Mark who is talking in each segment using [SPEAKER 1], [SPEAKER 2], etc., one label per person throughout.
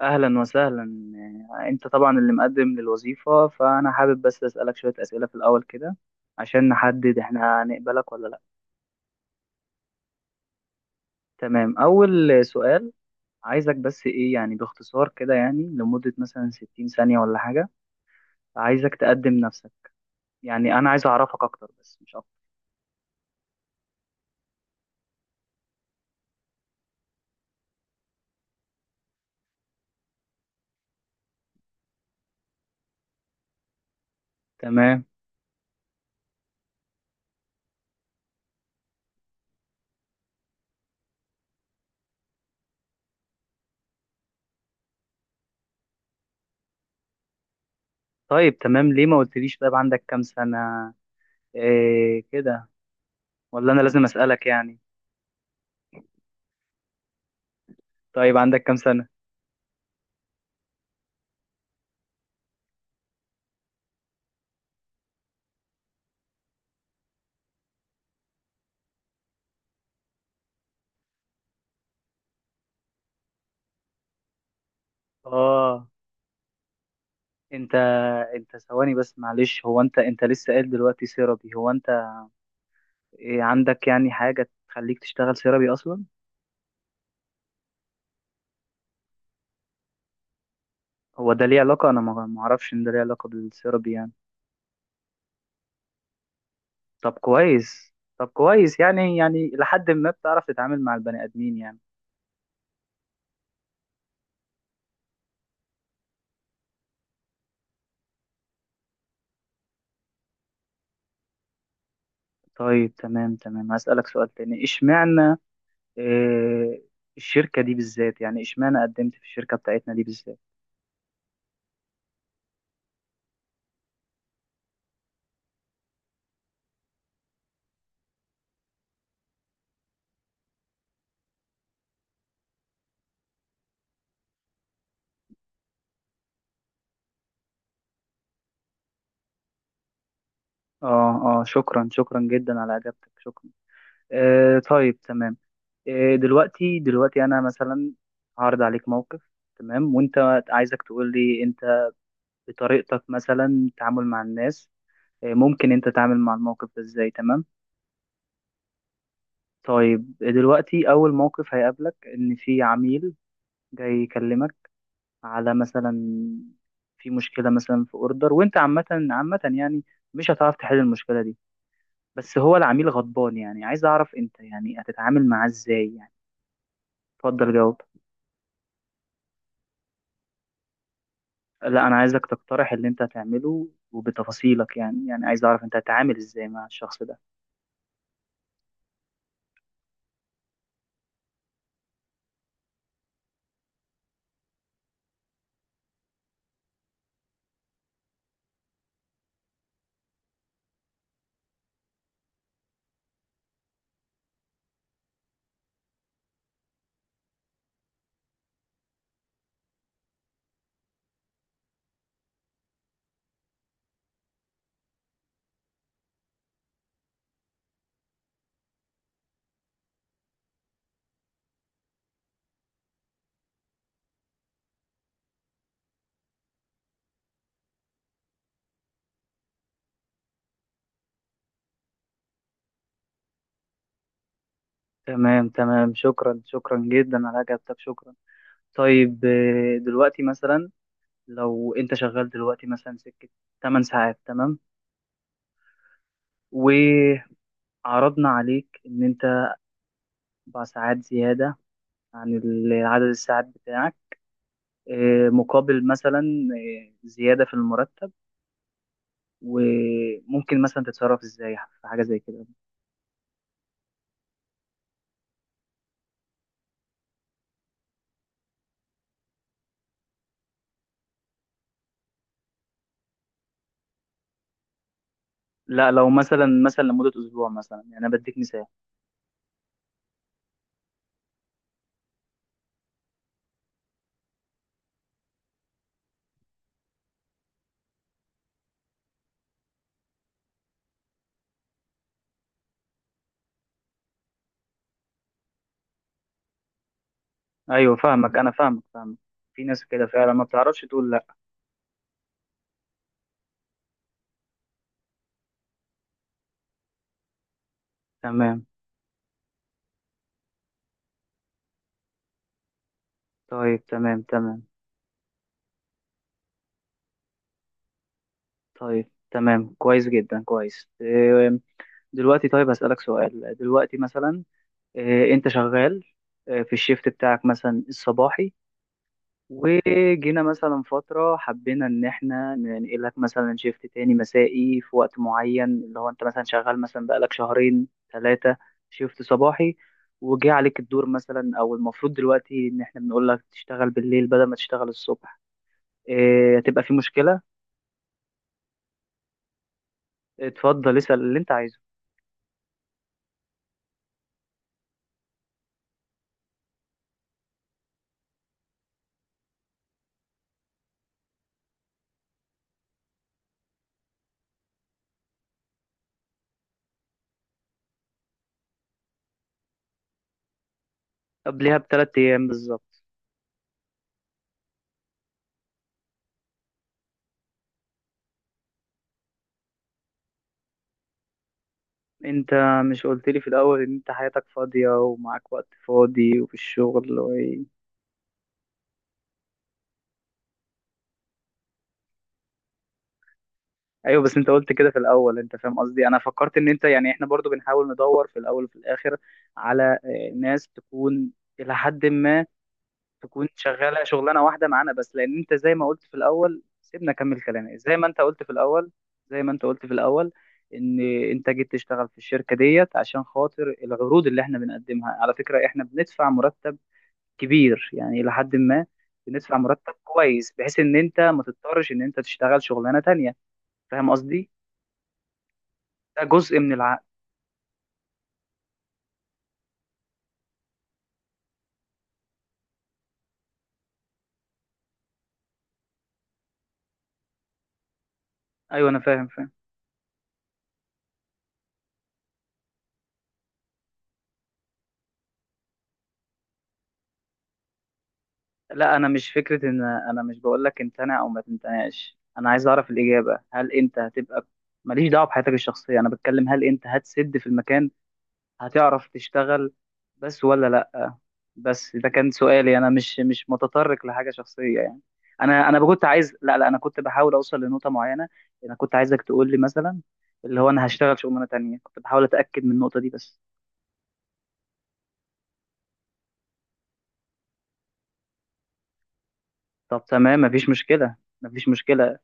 [SPEAKER 1] أهلا وسهلا. أنت طبعا اللي مقدم للوظيفة، فأنا حابب بس أسألك شوية أسئلة في الأول كده عشان نحدد إحنا هنقبلك ولا لأ. تمام، أول سؤال. عايزك بس إيه يعني، باختصار كده، يعني لمدة مثلا 60 ثانية ولا حاجة، عايزك تقدم نفسك. يعني أنا عايز أعرفك أكتر بس مش أكتر. تمام. طيب، تمام، ليه ما قلتليش؟ طيب عندك كام سنة؟ إيه كده؟ ولا أنا لازم أسألك يعني؟ طيب عندك كام سنة؟ آه. انت انت ثواني بس، معلش، هو انت لسه قايل دلوقتي سيرابي، هو انت إيه عندك يعني حاجة تخليك تشتغل سيرابي اصلا؟ هو ده ليه علاقة؟ انا ما اعرفش ان ده ليه علاقة بالسيرابي يعني. طب كويس، طب كويس، يعني لحد ما بتعرف تتعامل مع البني ادمين يعني. طيب تمام تمام، هسألك سؤال تاني. اشمعنى إيه الشركة دي بالذات؟ يعني اشمعنى قدمت في الشركة بتاعتنا دي بالذات؟ اه اه، شكرا، شكرا جدا على اجابتك، شكرا. آه طيب تمام. إيه دلوقتي، انا مثلا هعرض عليك موقف، تمام، وانت عايزك تقول لي انت بطريقتك مثلا تعامل مع الناس، إيه ممكن انت تعامل مع الموقف ده ازاي، تمام. طيب دلوقتي اول موقف هيقابلك ان في عميل جاي يكلمك على مثلا في مشكلة مثلا في اوردر، وانت عامة عامة يعني مش هتعرف تحل المشكلة دي، بس هو العميل غضبان، يعني عايز اعرف انت يعني هتتعامل معاه ازاي يعني. اتفضل جاوب. لا انا عايزك تقترح اللي انت هتعمله وبتفاصيلك، يعني عايز اعرف انت هتتعامل ازاي مع الشخص ده. تمام تمام، شكرا شكرا جدا على اجابتك، شكرا. طيب دلوقتي مثلا، لو انت شغال دلوقتي مثلا سكة 8 ساعات، تمام، وعرضنا عليك ان انت 4 ساعات زيادة عن عدد الساعات بتاعك، مقابل مثلا زيادة في المرتب، وممكن مثلا تتصرف ازاي في حاجة زي كده؟ لا لو مثلا لمدة أسبوع مثلا، يعني أنا بديك مثال. أيوه فاهمك، أنا فاهمك فاهمك، في ناس كده فعلا ما بتعرفش تقول لأ. تمام. طيب تمام تمام. طيب تمام، كويس جدا، كويس. إيه، دلوقتي طيب هسألك سؤال دلوقتي مثلا. إيه، أنت شغال، إيه، في الشيفت بتاعك مثلا الصباحي، وجينا مثلا فترة حبينا إن إحنا ننقلك مثلا شيفت تاني مسائي في وقت معين، اللي هو أنت مثلا شغال مثلا بقالك شهرين 3 شيفت صباحي، وجه عليك الدور مثلا، أو المفروض دلوقتي إن إحنا بنقول لك تشتغل بالليل بدل ما تشتغل الصبح، إيه هتبقى في مشكلة؟ اتفضل اسأل اللي أنت عايزه. قبلها بـ3 أيام بالظبط. أنت مش قلت لي في الأول إن أنت حياتك فاضية ومعاك وقت فاضي وفي الشغل؟ ايوه بس انت قلت كده في الاول، انت فاهم قصدي، انا فكرت ان انت يعني احنا برضو بنحاول ندور في الاول وفي الاخر على ناس تكون الى حد ما تكون شغاله شغلانه واحده معانا بس، لان انت زي ما قلت في الاول، سيبنا اكمل كلامي. زي ما انت قلت في الاول، زي ما انت قلت في الاول، ان انت جيت تشتغل في الشركه ديت عشان خاطر العروض اللي احنا بنقدمها، على فكره احنا بندفع مرتب كبير، يعني الى حد ما، بندفع مرتب كويس بحيث ان انت ما تضطرش ان انت تشتغل شغلانه تانية، فاهم قصدي؟ ده جزء من العقل. ايوه انا فاهم فاهم. لا انا مش فكره ان انا مش بقول لك امتنع او ما تمتنعش، انا عايز اعرف الاجابه، هل انت هتبقى، ماليش دعوه بحياتك الشخصيه، انا بتكلم هل انت هتسد في المكان، هتعرف تشتغل بس ولا لا؟ بس ده كان سؤالي، انا مش متطرق لحاجه شخصيه يعني. انا كنت عايز، لا لا، انا كنت بحاول اوصل لنقطه معينه، انا كنت عايزك تقول لي مثلا اللي هو انا هشتغل شغلانه تانية، كنت بحاول اتاكد من النقطه دي بس. طب تمام مفيش مشكله، مفيش مشكله.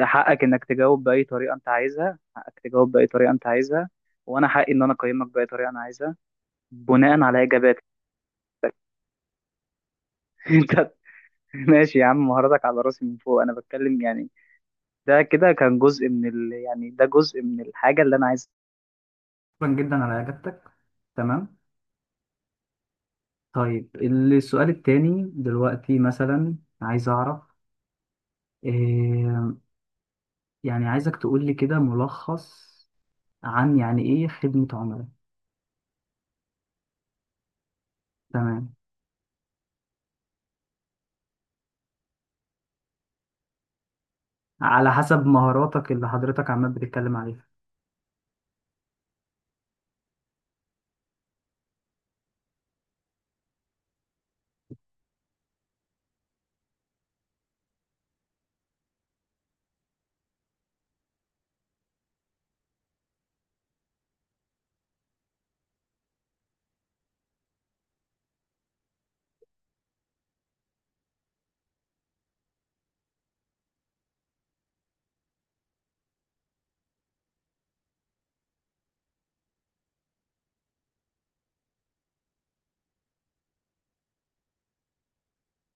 [SPEAKER 1] حقك انك تجاوب باي طريقه انت عايزها، حقك تجاوب باي طريقه انت عايزها، وانا حقي ان انا اقيمك باي طريقه انا عايزها، بناء على اجاباتك. انت ماشي يا عم، مهاراتك على راسي من فوق، انا بتكلم يعني. ده كده كان جزء من يعني ده جزء من الحاجه اللي انا عايزها. شكرا جدا على اجابتك. تمام. طيب السؤال التاني، دلوقتي مثلا عايز اعرف إيه، يعني عايزك تقول لي كده ملخص عن يعني ايه خدمة عملاء. تمام، على حسب مهاراتك اللي حضرتك عمال بتتكلم عليها.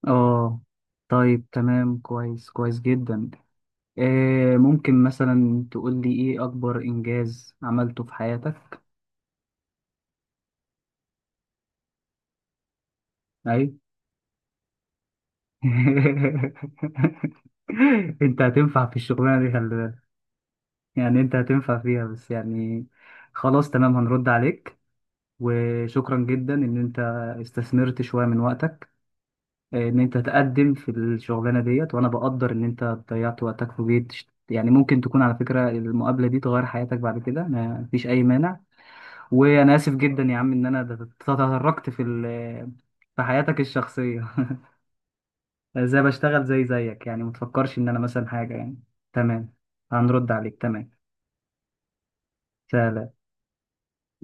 [SPEAKER 1] اه طيب تمام، كويس كويس جدا. آه ممكن مثلا تقول لي ايه اكبر انجاز عملته في حياتك؟ اي. انت هتنفع في الشغلانه دي، خلي بالك، يعني انت هتنفع فيها، بس يعني خلاص تمام هنرد عليك، وشكرا جدا ان انت استثمرت شويه من وقتك ان انت تقدم في الشغلانه ديت، وانا بقدر ان انت ضيعت وقتك في بيت يعني، ممكن تكون على فكره المقابله دي تغير حياتك بعد كده، ما فيش اي مانع. وانا اسف جدا يا عم ان انا تطرقت في في حياتك الشخصيه. زي بشتغل زي زيك، يعني ما تفكرش ان انا مثلا حاجه يعني. تمام هنرد عليك، تمام. سلام.